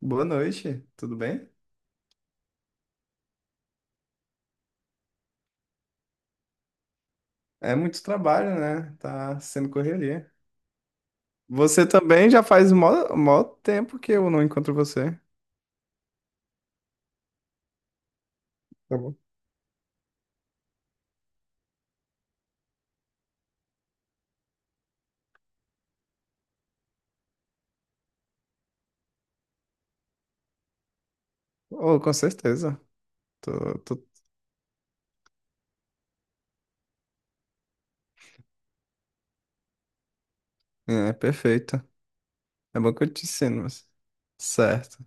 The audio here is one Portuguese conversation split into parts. Boa noite, tudo bem? É muito trabalho, né? Tá sendo correria. Você também já faz mó tempo que eu não encontro você. Tá bom. Oh, com certeza. Tô, tô... É, perfeito. É bom que eu te ensino, mas... Certo.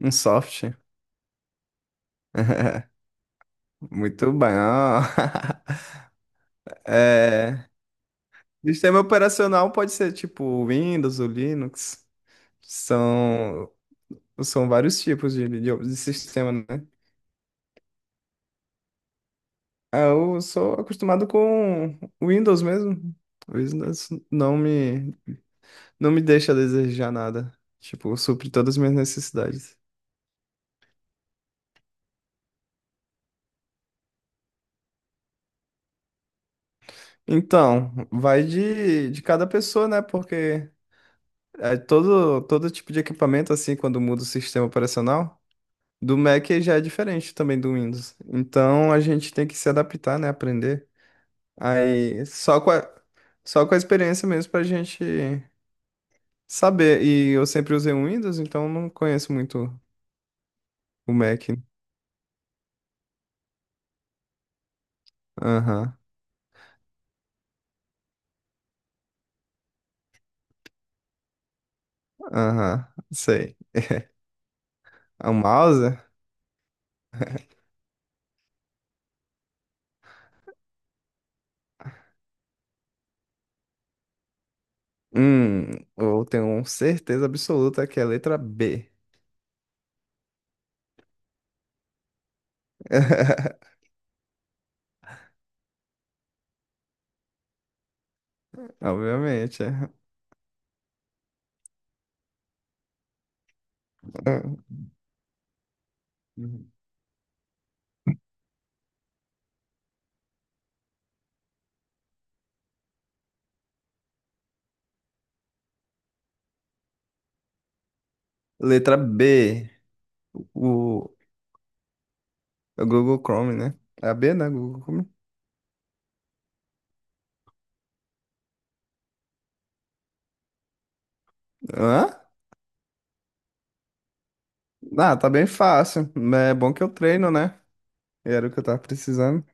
Um soft. Muito bom. É... Sistema operacional pode ser tipo o Windows ou Linux. São, são vários tipos de sistema, né? Ah, eu sou acostumado com Windows mesmo. Windows não me, não me deixa a desejar nada. Tipo, supre todas as minhas necessidades. Então, vai de cada pessoa, né? Porque é todo tipo de equipamento, assim, quando muda o sistema operacional, do Mac já é diferente também do Windows. Então, a gente tem que se adaptar, né? Aprender. Aí, só com a experiência mesmo pra gente saber. E eu sempre usei o Windows, então não conheço muito o Mac. Aham, aham, sei. O mouse? Hum, eu tenho certeza absoluta que é a letra B. Obviamente. É. Uhum. Letra B. O, o Google Chrome, né? É a B, né? Google Chrome. Hã? Ah, tá bem fácil. Mas é bom que eu treino, né? Era o que eu tava precisando.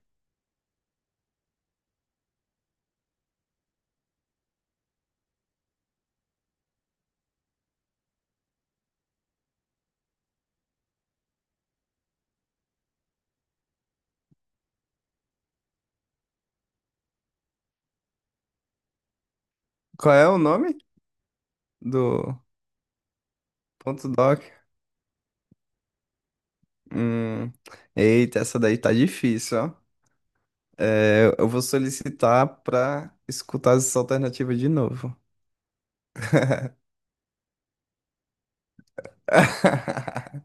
Qual é o nome do ponto doc? Hum, eita, essa daí tá difícil, ó. É, eu vou solicitar para escutar essa alternativa de novo.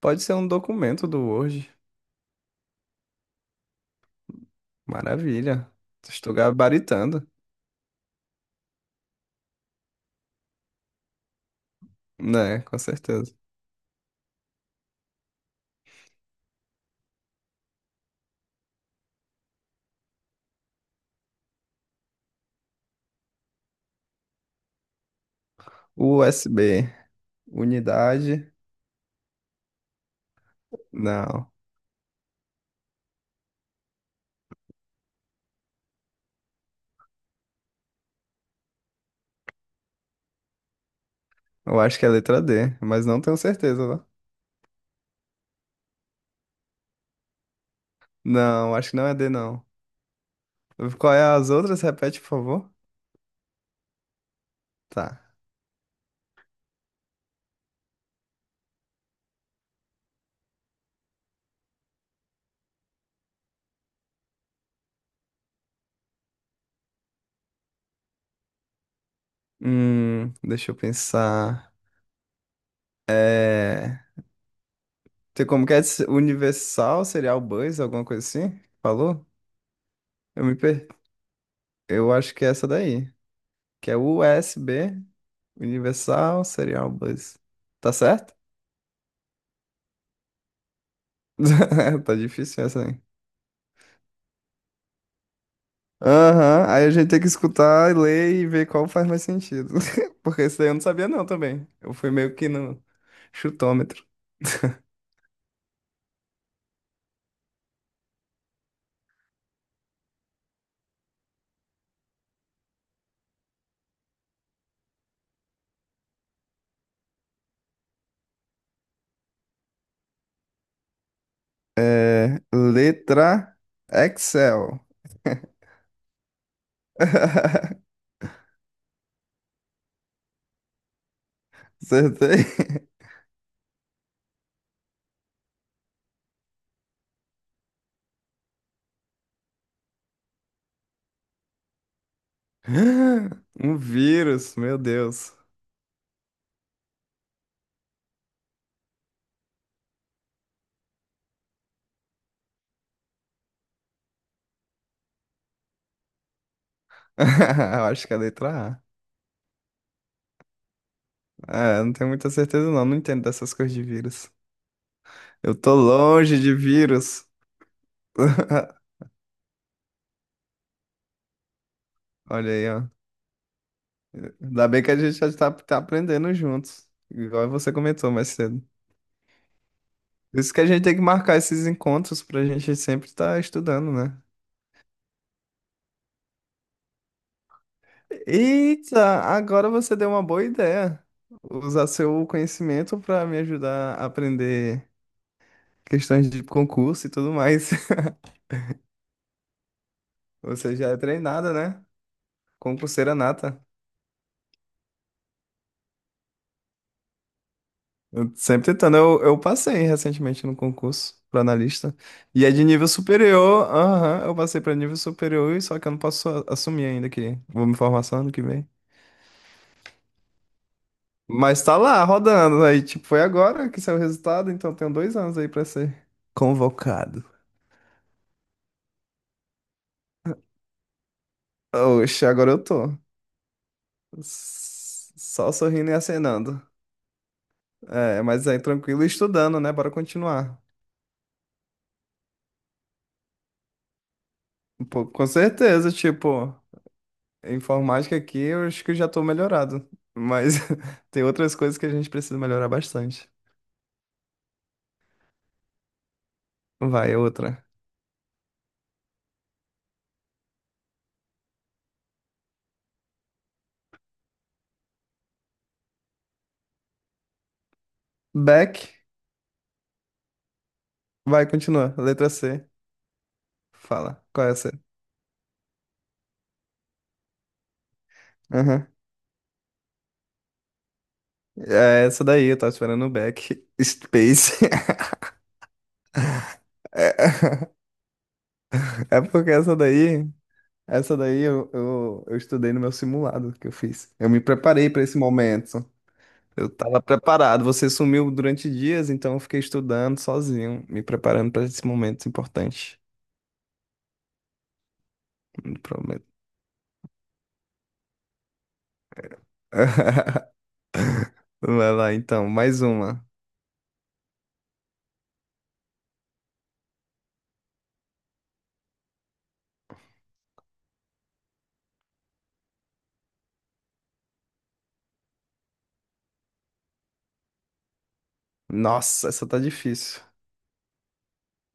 Pode ser um documento do Word. Maravilha. Estou gabaritando, né? Com certeza. USB, unidade. Não, eu acho que é letra D, mas não tenho certeza, né? Não, acho que não é D, não. Qual é as outras? Repete, por favor. Tá. Deixa eu pensar. Tem como que é? Universal Serial Bus, alguma coisa assim? Falou? Eu me perdi. Eu acho que é essa daí, que é USB, Universal Serial Bus. Tá certo? Tá difícil essa aí. Aham, aí a gente tem que escutar, ler e ver qual faz mais sentido. Porque esse daí eu não sabia não também. Eu fui meio que no chutômetro. É, letra Excel. Acertei. Um vírus, meu Deus. Eu acho que é a letra A. É, não tenho muita certeza não, não entendo dessas coisas de vírus. Eu tô longe de vírus. Olha aí, ó. Ainda bem que a gente já tá aprendendo juntos, igual você comentou mais cedo. Por isso que a gente tem que marcar esses encontros pra gente sempre estar estudando, né? Eita, agora você deu uma boa ideia. Usar seu conhecimento pra me ajudar a aprender questões de concurso e tudo mais. Você já é treinada, né? Concurseira nata. Eu sempre tentando. Eu passei recentemente no concurso para analista. E é de nível superior. Aham, eu passei para nível superior, e só que eu não posso assumir ainda que vou me formar só ano que vem. Mas tá lá, rodando. Aí, tipo, foi agora que saiu o resultado, então tenho dois anos aí pra ser convocado. Oxe, agora eu tô. S- Só sorrindo e acenando. É, mas aí tranquilo, e estudando, né? Bora continuar. Pô, com certeza, tipo. Informática aqui, eu acho que eu já tô melhorado. Mas tem outras coisas que a gente precisa melhorar bastante. Vai, é outra. Back. Vai, continua. Letra C. Fala. Qual é essa? Aham. É essa daí, eu tava esperando o back. Space. É, é porque essa daí, essa daí eu, eu estudei no meu simulado que eu fiz. Eu me preparei pra esse momento. Eu tava preparado. Você sumiu durante dias, então eu fiquei estudando sozinho, me preparando pra esse momento importante. Vai lá então, mais uma. Nossa, essa tá difícil.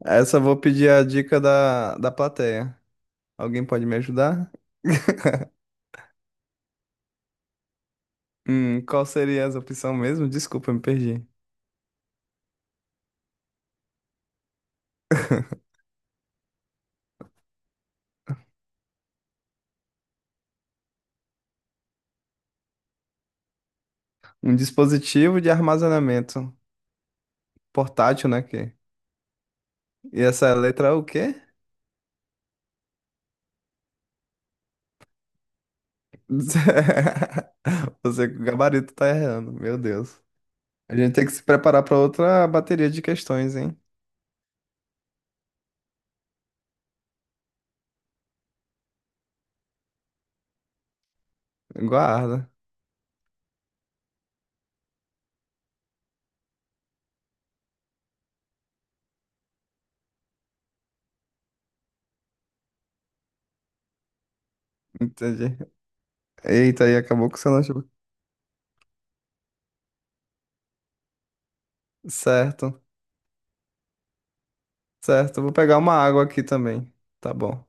Essa eu vou pedir a dica da plateia. Alguém pode me ajudar? Qual seria essa opção mesmo? Desculpa, eu me perdi. Um dispositivo de armazenamento portátil, né? Que? E essa letra é o quê? Você com o gabarito tá errando, meu Deus. A gente tem que se preparar pra outra bateria de questões, hein? Guarda. Entendi. Eita, aí acabou com o seu notebook. Certo. Certo, eu vou pegar uma água aqui também. Tá bom.